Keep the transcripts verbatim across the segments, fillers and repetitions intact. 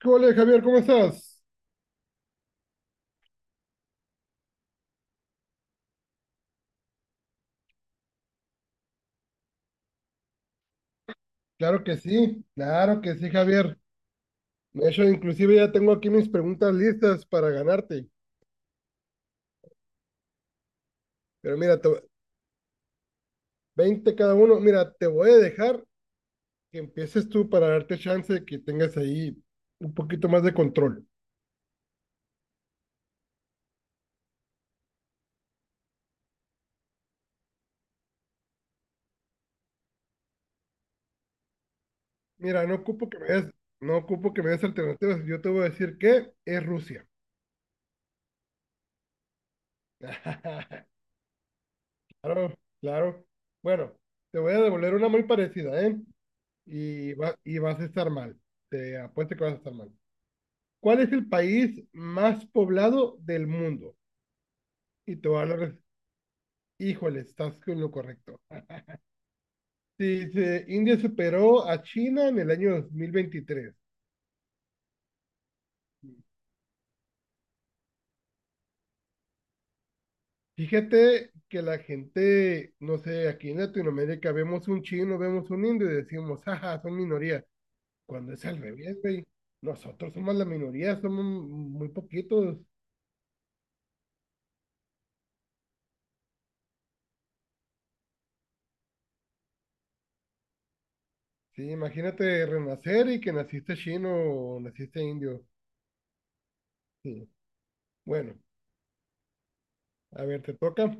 ¿Qué ole, Javier? ¿Cómo estás? Claro que sí, claro que sí, Javier. De hecho, inclusive ya tengo aquí mis preguntas listas para ganarte. Pero mira, te- veinte cada uno. Mira, te voy a dejar que empieces tú para darte chance de que tengas ahí un poquito más de control. Mira, no ocupo que me des, no ocupo que me des alternativas. Yo te voy a decir que es Rusia. Claro, claro. Bueno, te voy a devolver una muy parecida, ¿eh? Y, va- y vas a estar mal. Te apuesto que vas a estar mal. ¿Cuál es el país más poblado del mundo? Y te voy a dar, híjole, estás con lo correcto. Dice, India superó a China en el año dos mil veintitrés. Fíjate que la gente, no sé, aquí en Latinoamérica vemos un chino, vemos un indio y decimos, ajá, son minoría. Cuando es al revés, güey. Nosotros somos la minoría, somos muy poquitos. Sí, imagínate renacer y que naciste chino o naciste indio. Sí. Bueno, a ver, te toca.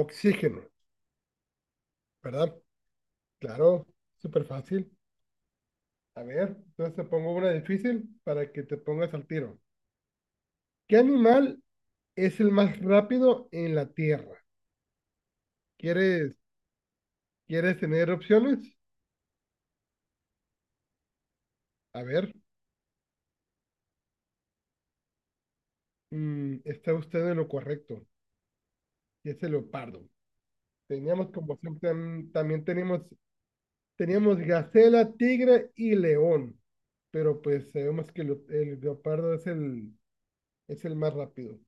Oxígeno. ¿Verdad? Claro, súper fácil. A ver, entonces te pongo una difícil para que te pongas al tiro. ¿Qué animal es el más rápido en la Tierra? ¿Quieres, quieres tener opciones? A ver, mm, está usted en lo correcto. Y es el leopardo. Teníamos como siempre, tam- también teníamos, teníamos gacela, tigre y león. Pero pues sabemos que lo- el leopardo es el, es el más rápido.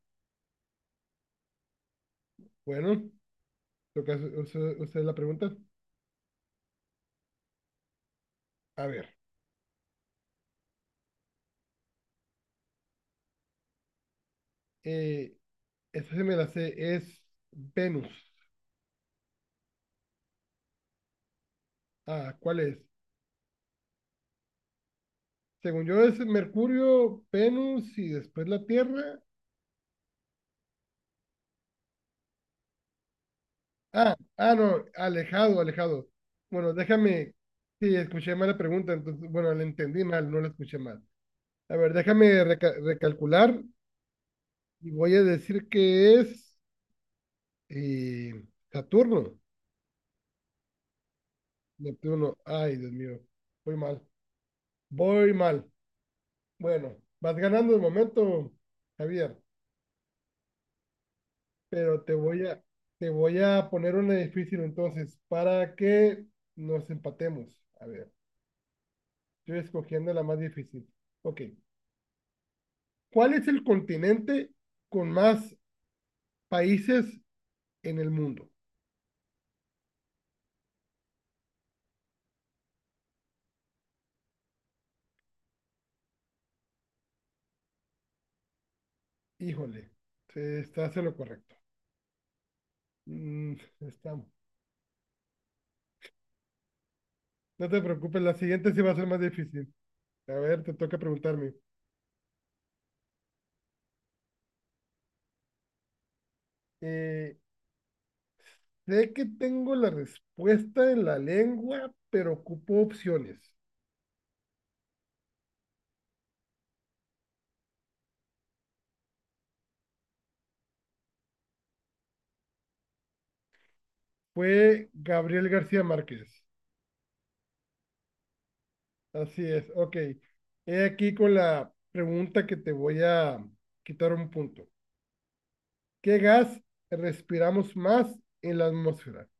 Bueno, lo que hace- usted usted la pregunta. A ver. Eh, esa se me la sé, es Venus. Ah, ¿cuál es? Según yo es Mercurio, Venus y después la Tierra. Ah, ah, no, alejado, alejado. Bueno, déjame, sí, escuché mal la pregunta, entonces, bueno, la entendí mal, no la escuché mal. A ver, déjame reca- recalcular y voy a decir que es eh, Saturno, Neptuno. Ay, Dios mío, voy mal, voy mal. Bueno, vas ganando de momento, Javier. Pero te voy a, te voy a poner una difícil entonces, para que nos empatemos. A ver, estoy escogiendo la más difícil. Ok. ¿Cuál es el continente con más países en el mundo? Híjole, se- estás en lo correcto. Mm, estamos. No te preocupes, la siguiente sí va a ser más difícil. A ver, te toca preguntarme. Eh, sé que tengo la respuesta en la lengua, pero ocupo opciones. Fue Gabriel García Márquez. Así es, ok. He aquí con la pregunta que te voy a quitar un punto. ¿Qué gas respiramos más en la atmósfera?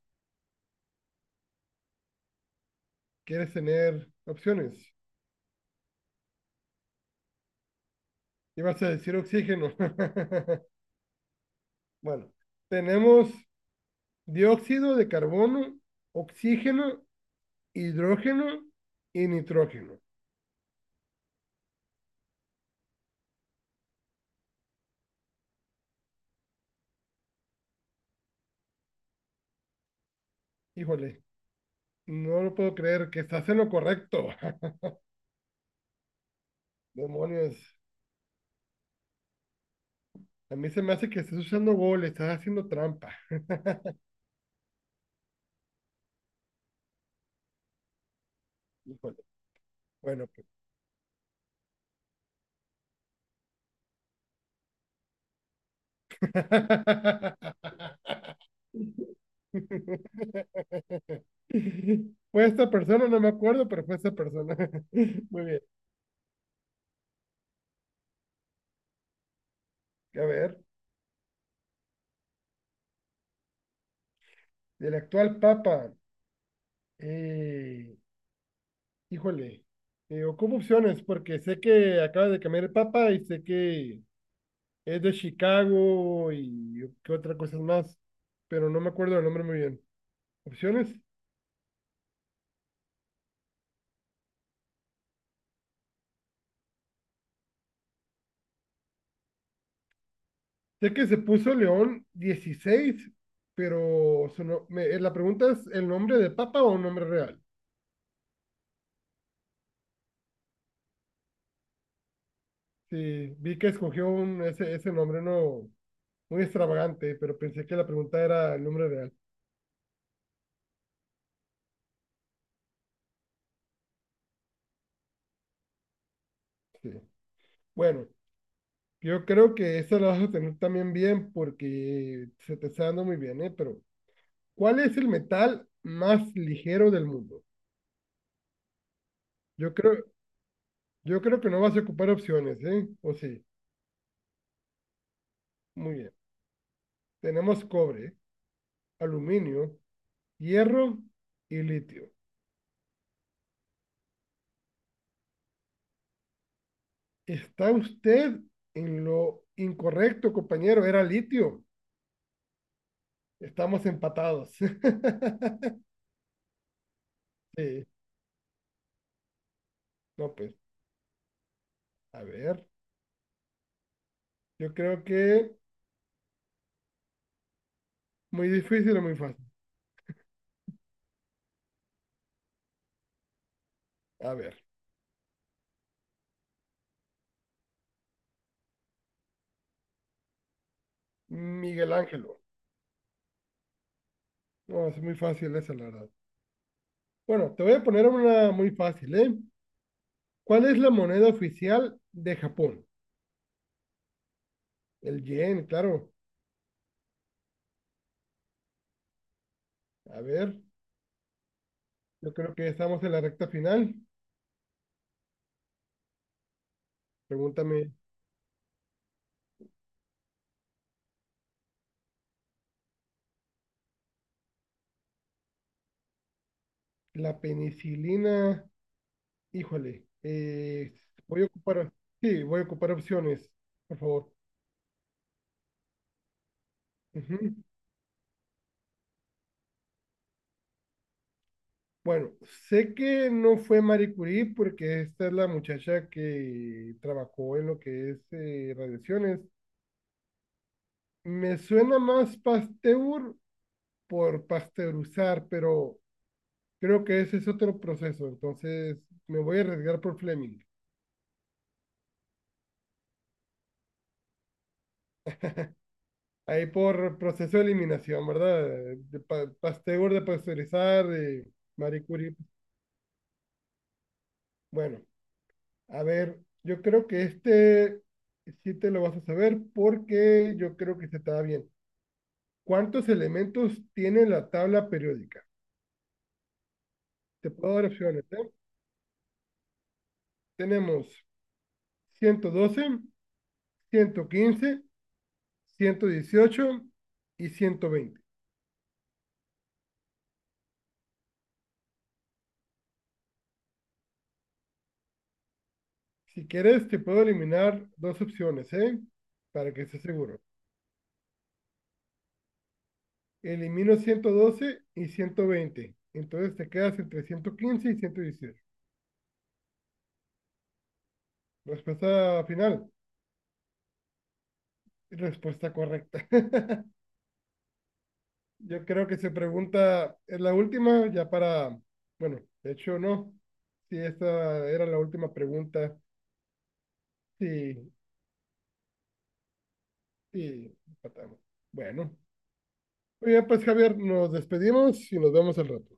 ¿Quieres tener opciones? Ibas a decir oxígeno. Bueno, tenemos dióxido de carbono, oxígeno, hidrógeno y nitrógeno. Híjole, no lo puedo creer que estás en lo correcto. Demonios, a mí se me hace que estás usando gol, estás haciendo trampa. Híjole. Bueno, pues. Fue esta persona, no me acuerdo, pero fue esta persona. Muy bien. A ver, del actual Papa. eh, híjole, eh, ocupo opciones porque sé que acaba de cambiar el Papa y sé que es de Chicago y qué otra cosa más, pero no me acuerdo el nombre muy bien. ¿Opciones? Sé que se puso León dieciséis pero su no- me- eh, la pregunta es, ¿el nombre de Papa o un nombre real? Sí, vi que escogió un, ese, ese nombre no muy extravagante, pero pensé que la pregunta era el nombre real. Sí. Bueno, yo creo que esa la vas a tener también bien porque se te está dando muy bien, ¿eh? Pero, ¿cuál es el metal más ligero del mundo? Yo creo, yo creo que no vas a ocupar opciones, ¿eh? O sí, muy bien. Tenemos cobre, aluminio, hierro y litio. Está usted en lo incorrecto, compañero, era litio. Estamos empatados. Sí, no, pues, a ver, yo creo que muy difícil o muy fácil. A ver, Miguel Ángelo. No, es muy fácil esa, la verdad. Bueno, te voy a poner una muy fácil, ¿eh? ¿Cuál es la moneda oficial de Japón? El yen, claro. A ver, yo creo que ya estamos en la recta final. Pregúntame. ¿La penicilina? Híjole, eh, voy a ocupar, sí, voy a ocupar opciones, por favor. Ujú. Bueno, sé que no fue Marie Curie porque esta es la muchacha que trabajó en lo que es eh, radiaciones. Me suena más Pasteur por pasteurizar, pero creo que ese es otro proceso, entonces me voy a arriesgar por Fleming. Ahí por proceso de eliminación, ¿verdad? De pa- Pasteur de pasteurizar, de Marie Curie. Bueno. A ver, yo creo que este sí te lo vas a saber porque yo creo que se está bien. ¿Cuántos elementos tiene la tabla periódica? Te puedo dar opciones, ¿eh? Tenemos ciento doce, ciento quince, ciento dieciocho y ciento veinte. Si quieres, te puedo eliminar dos opciones, ¿eh? Para que estés seguro. Elimino ciento doce y ciento veinte. Entonces te quedas entre ciento quince y ciento dieciocho. Respuesta final. Respuesta correcta. Yo creo que se pregunta, es la última, ya para, bueno, de hecho no, si esta era la última pregunta, sí, sí, empatamos. Bueno, muy bien, pues Javier, nos despedimos y nos vemos al rato.